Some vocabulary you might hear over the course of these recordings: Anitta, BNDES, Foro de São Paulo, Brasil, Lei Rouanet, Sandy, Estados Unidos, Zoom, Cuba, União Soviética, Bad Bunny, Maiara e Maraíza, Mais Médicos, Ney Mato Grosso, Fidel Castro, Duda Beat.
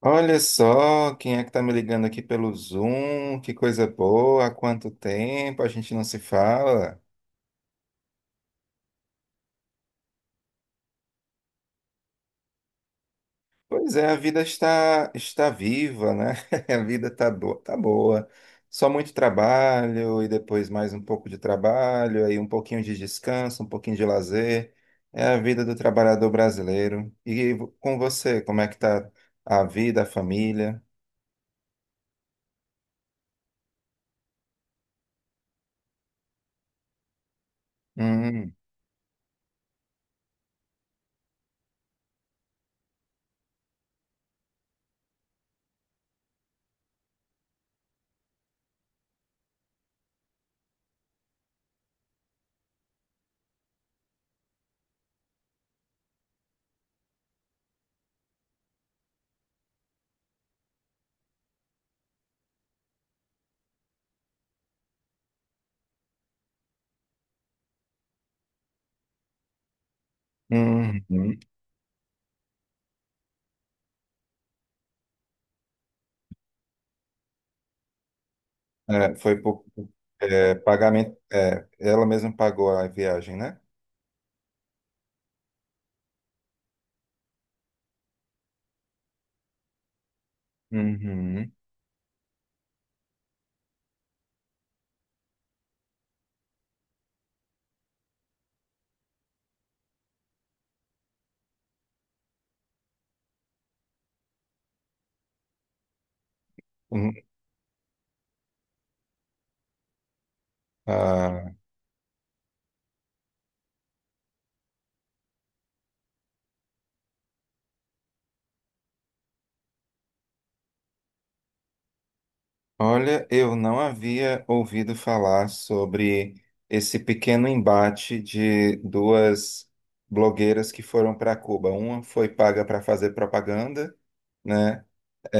Olha só, quem é que tá me ligando aqui pelo Zoom? Que coisa boa, há quanto tempo a gente não se fala? Pois é, a vida está viva, né? A vida tá boa, tá boa. Só muito trabalho e depois mais um pouco de trabalho, aí um pouquinho de descanso, um pouquinho de lazer. É a vida do trabalhador brasileiro. E com você, como é que tá a vida, a família? Hum, hum, hum. É, foi por pagamento. É, ela mesma pagou a viagem, né? Uhum. Uhum. Ah, Olha, eu não havia ouvido falar sobre esse pequeno embate de duas blogueiras que foram para Cuba. Uma foi paga para fazer propaganda, né?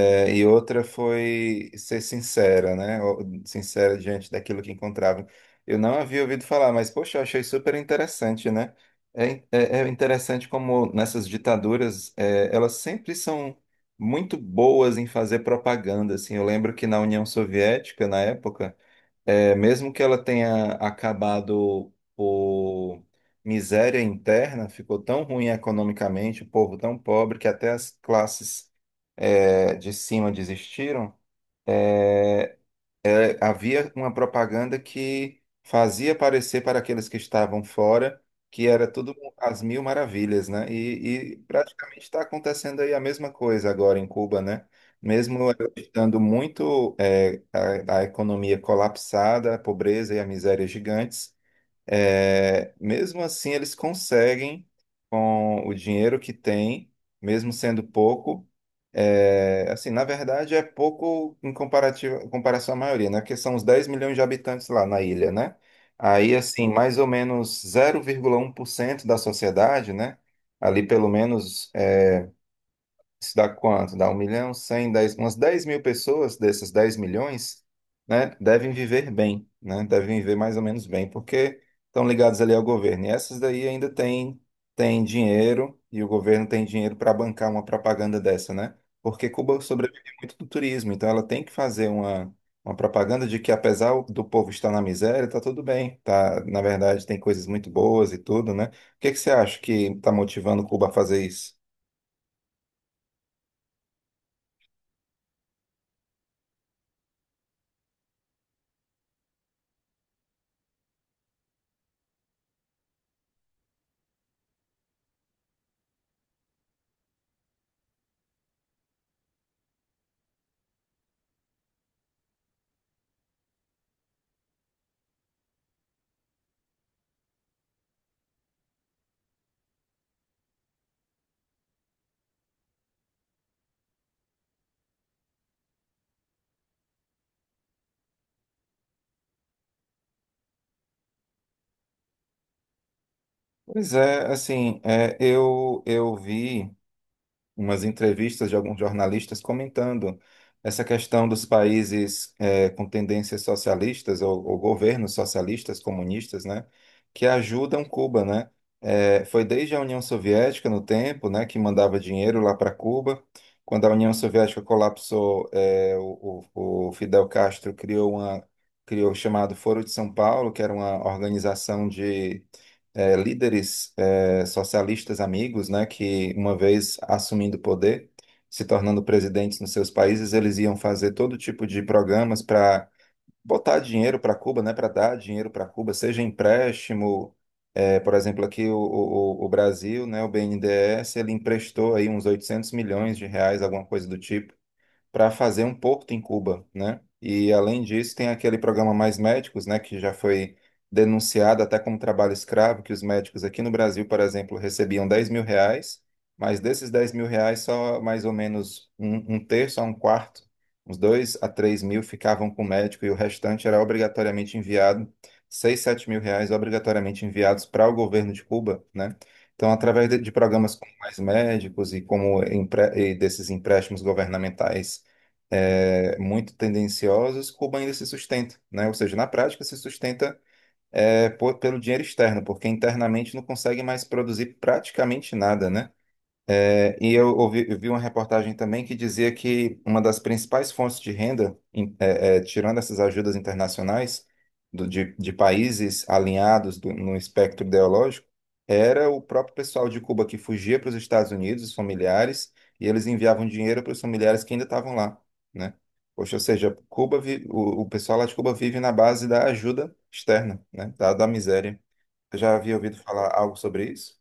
É, e outra foi ser sincera, né? Sincera diante daquilo que encontrava. Eu não havia ouvido falar, mas, poxa, eu achei super interessante, né? É, é interessante como nessas ditaduras, é, elas sempre são muito boas em fazer propaganda, assim. Eu lembro que na União Soviética, na época, é, mesmo que ela tenha acabado por miséria interna, ficou tão ruim economicamente, o povo tão pobre que até as classes, é, de cima desistiram. Havia uma propaganda que fazia parecer para aqueles que estavam fora que era tudo às mil maravilhas, né? E praticamente está acontecendo aí a mesma coisa agora em Cuba, né? Mesmo ela estando muito a economia colapsada, a pobreza e a miséria gigantes, é, mesmo assim, eles conseguem, com o dinheiro que têm, mesmo sendo pouco, é, assim, na verdade é pouco em comparativo, em comparação à maioria, né? Porque são os 10 milhões de habitantes lá na ilha, né? Aí, assim, mais ou menos 0,1% da sociedade, né? Ali pelo menos isso dá quanto? Dá 1 milhão, cem, dez, umas 10 mil pessoas dessas 10 milhões, né, devem viver bem, né, devem viver mais ou menos bem, porque estão ligados ali ao governo. E essas daí ainda têm dinheiro, e o governo tem dinheiro para bancar uma propaganda dessa, né? Porque Cuba sobrevive muito do turismo, então ela tem que fazer uma propaganda de que apesar do povo estar na miséria, tá tudo bem, tá, na verdade tem coisas muito boas e tudo, né? O que que você acha que está motivando Cuba a fazer isso? Pois é, assim, é, eu vi umas entrevistas de alguns jornalistas comentando essa questão dos países é, com tendências socialistas ou governos socialistas, comunistas, né, que ajudam Cuba, né? É, foi desde a União Soviética no tempo, né, que mandava dinheiro lá para Cuba. Quando a União Soviética colapsou, é, o Fidel Castro criou o chamado Foro de São Paulo, que era uma organização de líderes socialistas amigos, né, que uma vez assumindo o poder, se tornando presidentes nos seus países, eles iam fazer todo tipo de programas para botar dinheiro para Cuba, né, para dar dinheiro para Cuba, seja empréstimo, por exemplo, aqui o Brasil, né, o BNDES, ele emprestou aí uns R$ 800 milhões, alguma coisa do tipo para fazer um porto em Cuba, né? E além disso, tem aquele programa Mais Médicos, né, que já foi denunciado até como trabalho escravo, que os médicos aqui no Brasil, por exemplo, recebiam R$ 10 mil, mas desses R$ 10 mil, só mais ou menos um terço a um quarto, uns 2 a 3 mil ficavam com o médico e o restante era obrigatoriamente enviado, 6, 7 mil reais obrigatoriamente enviados para o governo de Cuba, né? Então, através de programas como Mais Médicos e como desses empréstimos governamentais é, muito tendenciosas, Cuba ainda se sustenta, né? Ou seja, na prática se sustenta é, pelo dinheiro externo, porque internamente não consegue mais produzir praticamente nada, né? E eu ouvi, eu vi uma reportagem também que dizia que uma das principais fontes de renda, é, tirando essas ajudas internacionais de países alinhados no espectro ideológico, era o próprio pessoal de Cuba que fugia para os Estados Unidos, os familiares, e eles enviavam dinheiro para os familiares que ainda estavam lá, né? Poxa, ou seja, o pessoal lá de Cuba vive na base da ajuda externa, né? Da, da miséria. Eu já havia ouvido falar algo sobre isso?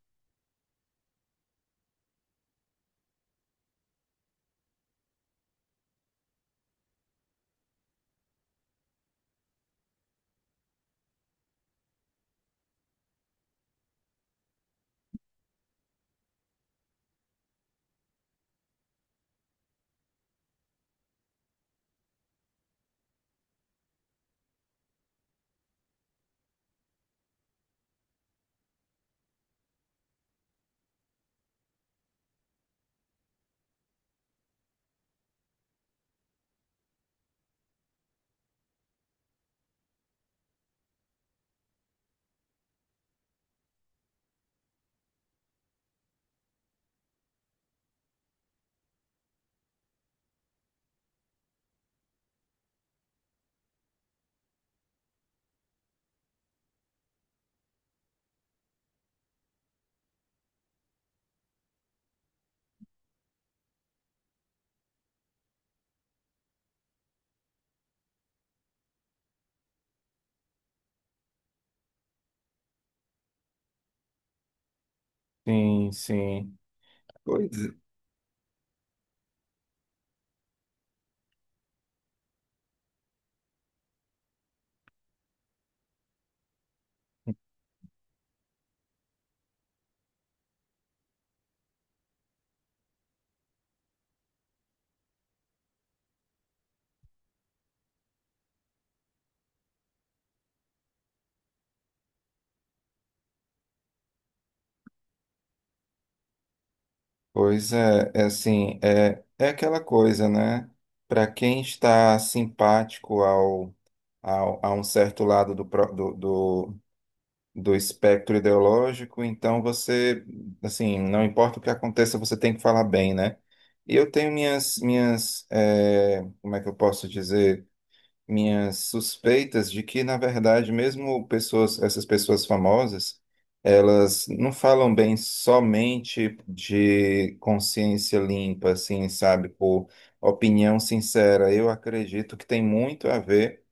Sim, sim. Pois é. Pois é, é assim, é, é aquela coisa, né? Para quem está simpático ao, ao, a um certo lado do, do espectro ideológico, então você, assim, não importa o que aconteça, você tem que falar bem, né? E eu tenho minhas, eh, como é que eu posso dizer? Minhas suspeitas de que, na verdade, essas pessoas famosas, elas não falam bem somente de consciência limpa, assim, sabe, por opinião sincera. Eu acredito que tem muito a ver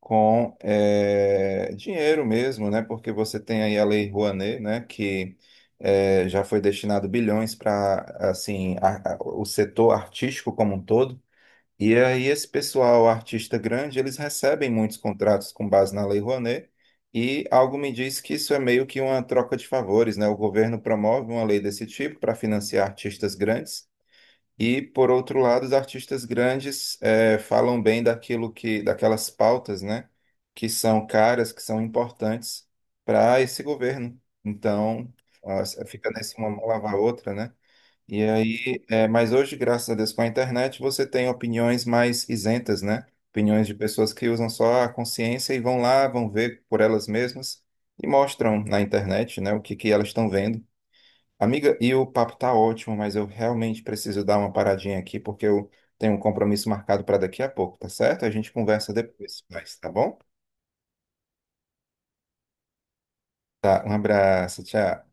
com dinheiro mesmo, né? Porque você tem aí a Lei Rouanet, né? Que já foi destinado bilhões para, assim, o setor artístico como um todo. E aí, esse pessoal, artista grande, eles recebem muitos contratos com base na Lei Rouanet, e algo me diz que isso é meio que uma troca de favores, né? O governo promove uma lei desse tipo para financiar artistas grandes, e, por outro lado, os artistas grandes falam bem daquilo que, daquelas pautas, né? Que são caras, que são importantes para esse governo. Então, ah, fica nesse uma mão lavar a outra, né? E aí, é, mas hoje, graças a Deus, com a internet, você tem opiniões mais isentas, né? Opiniões de pessoas que usam só a consciência e vão lá, vão ver por elas mesmas e mostram na internet, né, o que que elas estão vendo. Amiga, e o papo tá ótimo, mas eu realmente preciso dar uma paradinha aqui porque eu tenho um compromisso marcado para daqui a pouco, tá certo? A gente conversa depois, mas tá bom? Tá, um abraço, tchau.